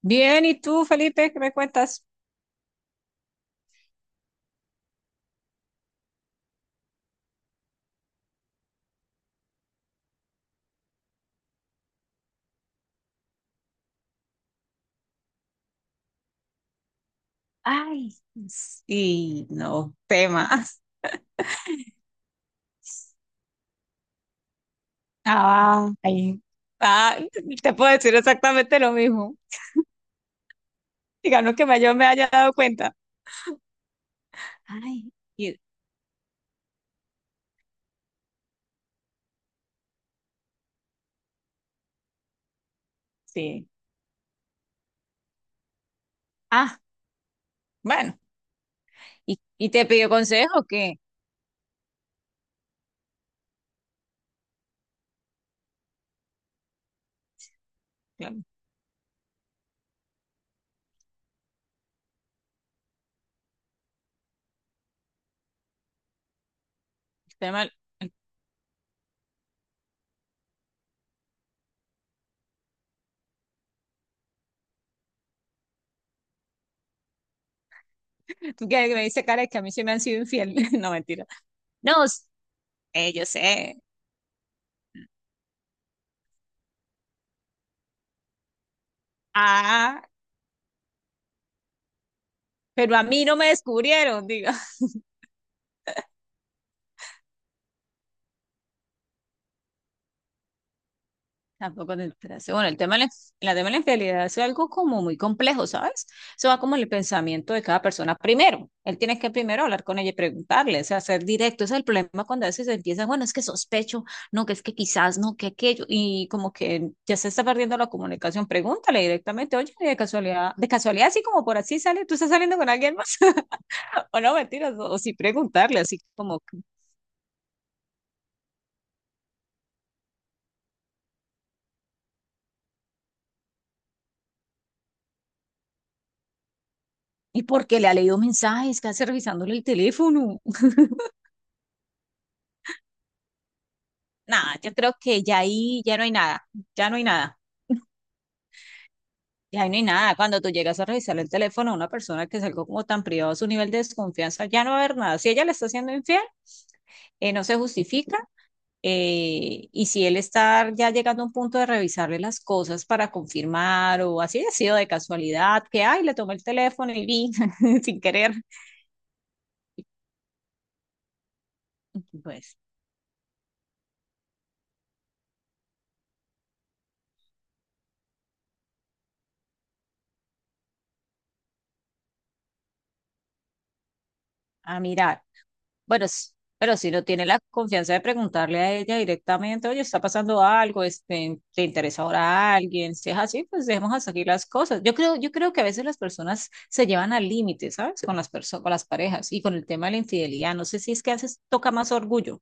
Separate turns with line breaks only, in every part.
Bien, ¿y tú, Felipe, qué me cuentas? Ay, sí, no, temas. Ah, ahí. Ah, te puedo decir exactamente lo mismo. Digamos que yo me haya dado cuenta. Ay. Y, sí. Ah, bueno. Y te pidió consejo o qué? Claro, está mal. Tú que me dice cara que a mí sí me han sido infiel. No, mentira. No, s- Yo sé. Ah, pero a mí no me descubrieron. Tampoco te interesa. Bueno, el tema de la tema de la infidelidad es algo como muy complejo, ¿sabes? Eso va como en el pensamiento de cada persona. Primero, él tiene que primero hablar con ella y preguntarle, o sea, ser directo. Ese es el problema cuando a veces empieza, bueno, es que sospecho, no, que es que quizás, no, que aquello, y como que ya se está perdiendo la comunicación. Pregúntale directamente, oye, de casualidad, así como por así sale, tú estás saliendo con alguien más. O no, mentiras, o sí preguntarle, así como, ¿y por qué le ha leído mensajes? ¿Qué hace revisándole el teléfono? Nada, yo creo que ya ahí ya no hay nada, ya no hay nada, ya ahí no hay nada. Cuando tú llegas a revisar el teléfono a una persona que es algo como tan privado, su nivel de desconfianza, ya no va a haber nada. Si ella le está siendo infiel, no se justifica. Y si él está ya llegando a un punto de revisarle las cosas para confirmar o así ha sido de casualidad, que ay, le tomó el teléfono y vi sin querer, pues a mirar. Bueno, s- pero si no tiene la confianza de preguntarle a ella directamente, oye, está pasando algo, este, te interesa ahora alguien, si es así, pues dejemos hasta aquí las cosas. Yo creo que a veces las personas se llevan al límite, ¿sabes? Con con las parejas y con el tema de la infidelidad. No sé si es que a veces toca más orgullo,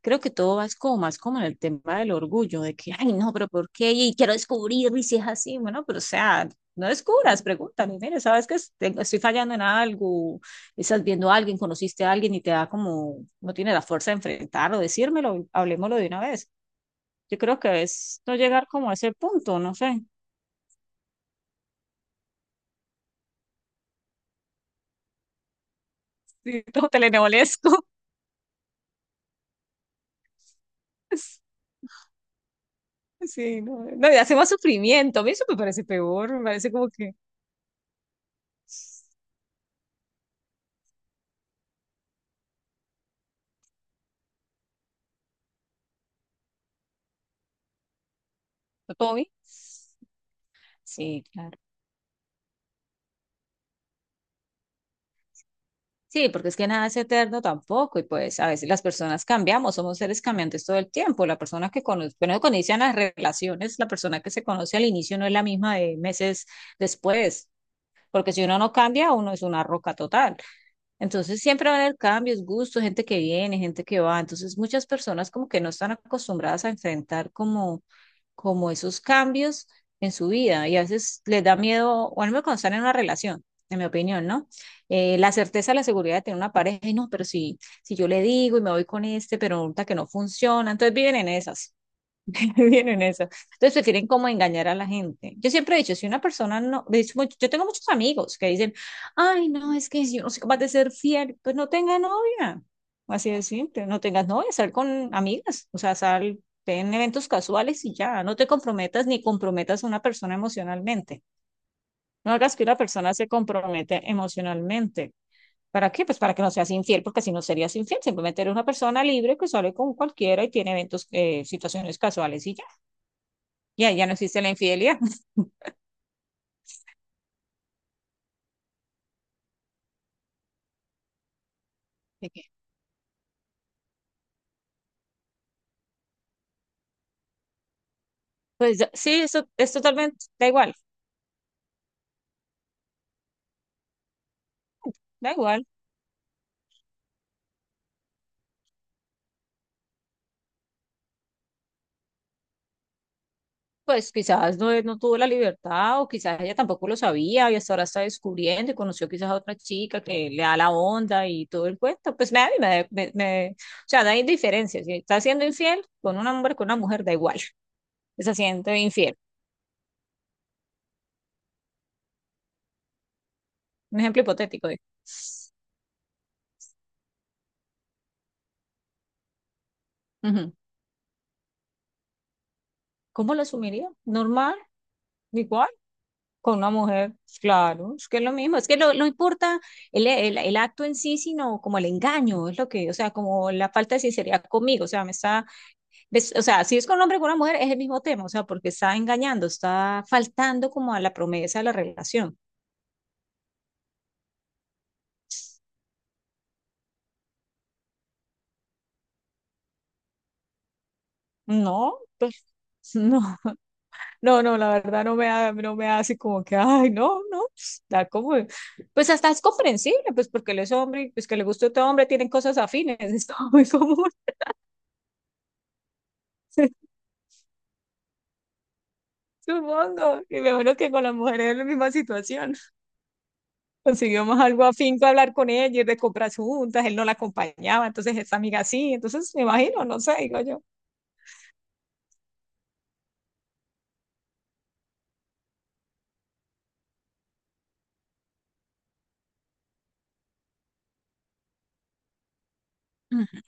creo que todo va es como más como en el tema del orgullo, de que, ay, no, pero ¿por qué? Y quiero descubrir, y si es así, bueno, pero o sea, no descubras, pregúntame, mire, sabes que estoy fallando en algo, estás viendo a alguien, conociste a alguien y te da como, no tiene la fuerza de enfrentarlo, decírmelo, hablemoslo de una vez. Yo creo que es no llegar como a ese punto, no sé, sí, todo telenovelesco. Sí, no, no, y hace más sufrimiento, a mí eso me parece peor, me parece como que, ¿no, Tommy? Sí, claro. Sí, porque es que nada es eterno tampoco y pues a veces las personas cambiamos, somos seres cambiantes todo el tiempo. La persona que conoce, bueno, cuando inician las relaciones, la persona que se conoce al inicio no es la misma de meses después, porque si uno no cambia, uno es una roca total. Entonces siempre van a haber cambios, gustos, gente que viene, gente que va. Entonces muchas personas como que no están acostumbradas a enfrentar como, como esos cambios en su vida y a veces les da miedo, o al menos cuando están en una relación, en mi opinión, ¿no? La certeza, la seguridad de tener una pareja, y no, pero si, si yo le digo y me voy con este, pero resulta que no funciona, entonces viven en esas. Vienen eso. Entonces prefieren como engañar a la gente. Yo siempre he dicho, si una persona no, de hecho, yo tengo muchos amigos que dicen, ay, no, es que yo no soy capaz de ser fiel, pues no tenga novia. Así de simple, no tengas novia, sal con amigas, o sea, sal en eventos casuales y ya, no te comprometas ni comprometas a una persona emocionalmente. No hagas que una persona se compromete emocionalmente. ¿Para qué? Pues para que no seas infiel, porque si no serías infiel, simplemente eres una persona libre que sale con cualquiera y tiene eventos, situaciones casuales y ya. Ya, no existe la infidelidad. Así que, pues sí, eso es totalmente, da igual, da igual. Pues quizás no, no tuvo la libertad o quizás ella tampoco lo sabía y hasta ahora está descubriendo y conoció quizás a otra chica que le da la onda y todo el cuento. Pues a mí o sea, da indiferencia. Si está siendo infiel con un hombre, con una mujer, da igual. Está siendo infiel. Un ejemplo hipotético, digo. Ujú. ¿Cómo lo asumiría? Normal, igual. Con una mujer, claro, es que es lo mismo, es que lo, no importa el acto en sí, sino como el engaño, es lo que, o sea, como la falta de sinceridad conmigo, o sea, me está, o sea, si es con un hombre y con una mujer es el mismo tema, o sea, porque está engañando, está faltando como a la promesa de la relación. No, pues, no, no, no, la verdad no me da, no me hace como que, ay, no, no, da como, pues hasta es comprensible, pues porque él es hombre, y pues que le gusta a otro hombre, tienen cosas afines, es como muy común. Supongo, y me imagino que con las mujeres es la misma situación. Conseguimos algo afinco hablar con ellas, de compras juntas, él no la acompañaba, entonces esta amiga sí, entonces me imagino, no sé, digo yo. Ujú,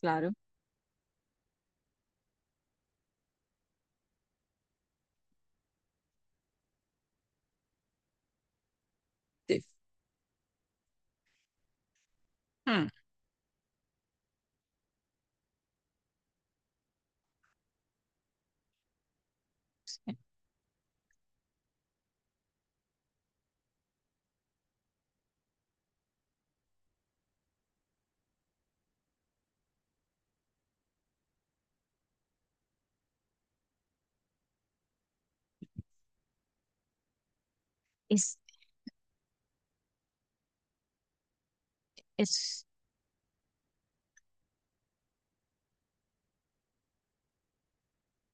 claro, sí. Mm, Es, es,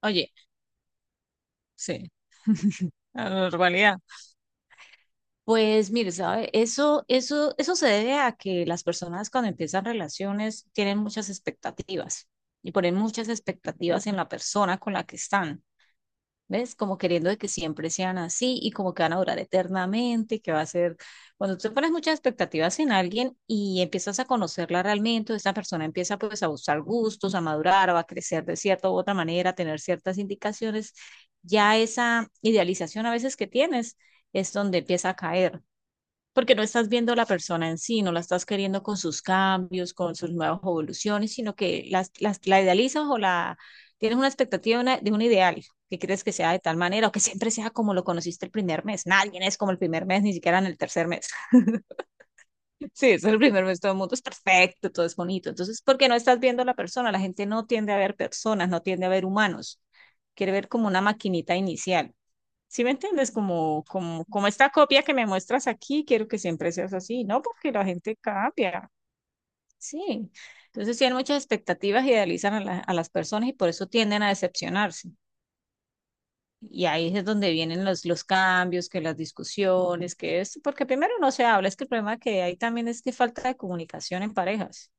oye, sí. La normalidad. Pues mire, sabe, eso se debe a que las personas cuando empiezan relaciones tienen muchas expectativas y ponen muchas expectativas en la persona con la que están. ¿Ves? Como queriendo de que siempre sean así y como que van a durar eternamente, que va a ser, cuando tú pones muchas expectativas en alguien y empiezas a conocerla realmente, o esta persona empieza pues a buscar gustos, a madurar, o a crecer de cierta u otra manera, a tener ciertas indicaciones, ya esa idealización a veces que tienes es donde empieza a caer porque no estás viendo la persona en sí, no la estás queriendo con sus cambios, con sus nuevas evoluciones, sino que la idealizas o la tienes una expectativa de, de un ideal que crees que sea de tal manera o que siempre sea como lo conociste el primer mes. Nadie es como el primer mes, ni siquiera en el tercer mes. Sí, es el primer mes, todo el mundo es perfecto, todo es bonito. Entonces, porque no estás viendo a la persona, la gente no tiende a ver personas, no tiende a ver humanos, quiere ver como una maquinita inicial. ¿Sí me entiendes? Como esta copia que me muestras aquí, quiero que siempre seas así, ¿no? Porque la gente cambia, sí. Entonces tienen muchas expectativas, idealizan a, a las personas y por eso tienden a decepcionarse. Y ahí es donde vienen los cambios, que las discusiones, que esto, porque primero no se habla, es que el problema que hay también es que falta de comunicación en parejas.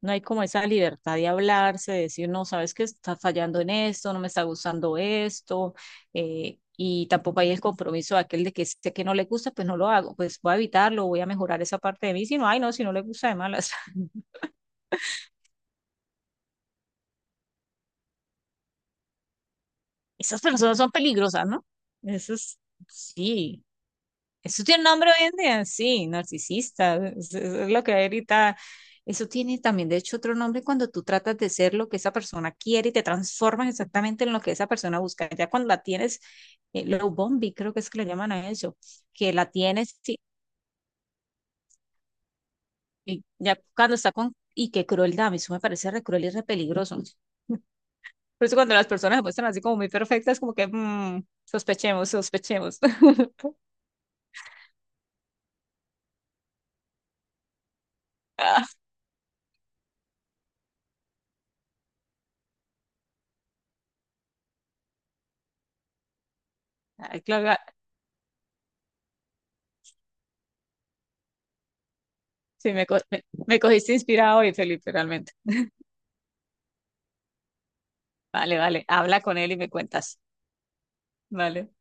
No hay como esa libertad de hablarse, de decir, no, sabes que estás fallando en esto, no me está gustando esto, y tampoco hay el compromiso de aquel de que sé que no le gusta, pues no lo hago, pues voy a evitarlo, voy a mejorar esa parte de mí, si no, ay, no, si no le gusta de malas. Esas personas son peligrosas, ¿no? Eso es, sí. Eso tiene nombre hoy en día, sí, narcisista, es lo que hay ahorita. Eso tiene también, de hecho, otro nombre cuando tú tratas de ser lo que esa persona quiere y te transformas exactamente en lo que esa persona busca. Ya cuando la tienes, low bombi, creo que es que le llaman a eso, que la tienes, sí, y ya cuando está con, y qué crueldad, eso me parece re cruel y re peligroso. Por eso cuando las personas se muestran así como muy perfectas, como que mm, sospechemos, sospechemos. Ay, Claudia, sí, me, me cogiste inspirado hoy, Felipe, realmente. Vale, vale. Habla con él y me cuentas. Vale.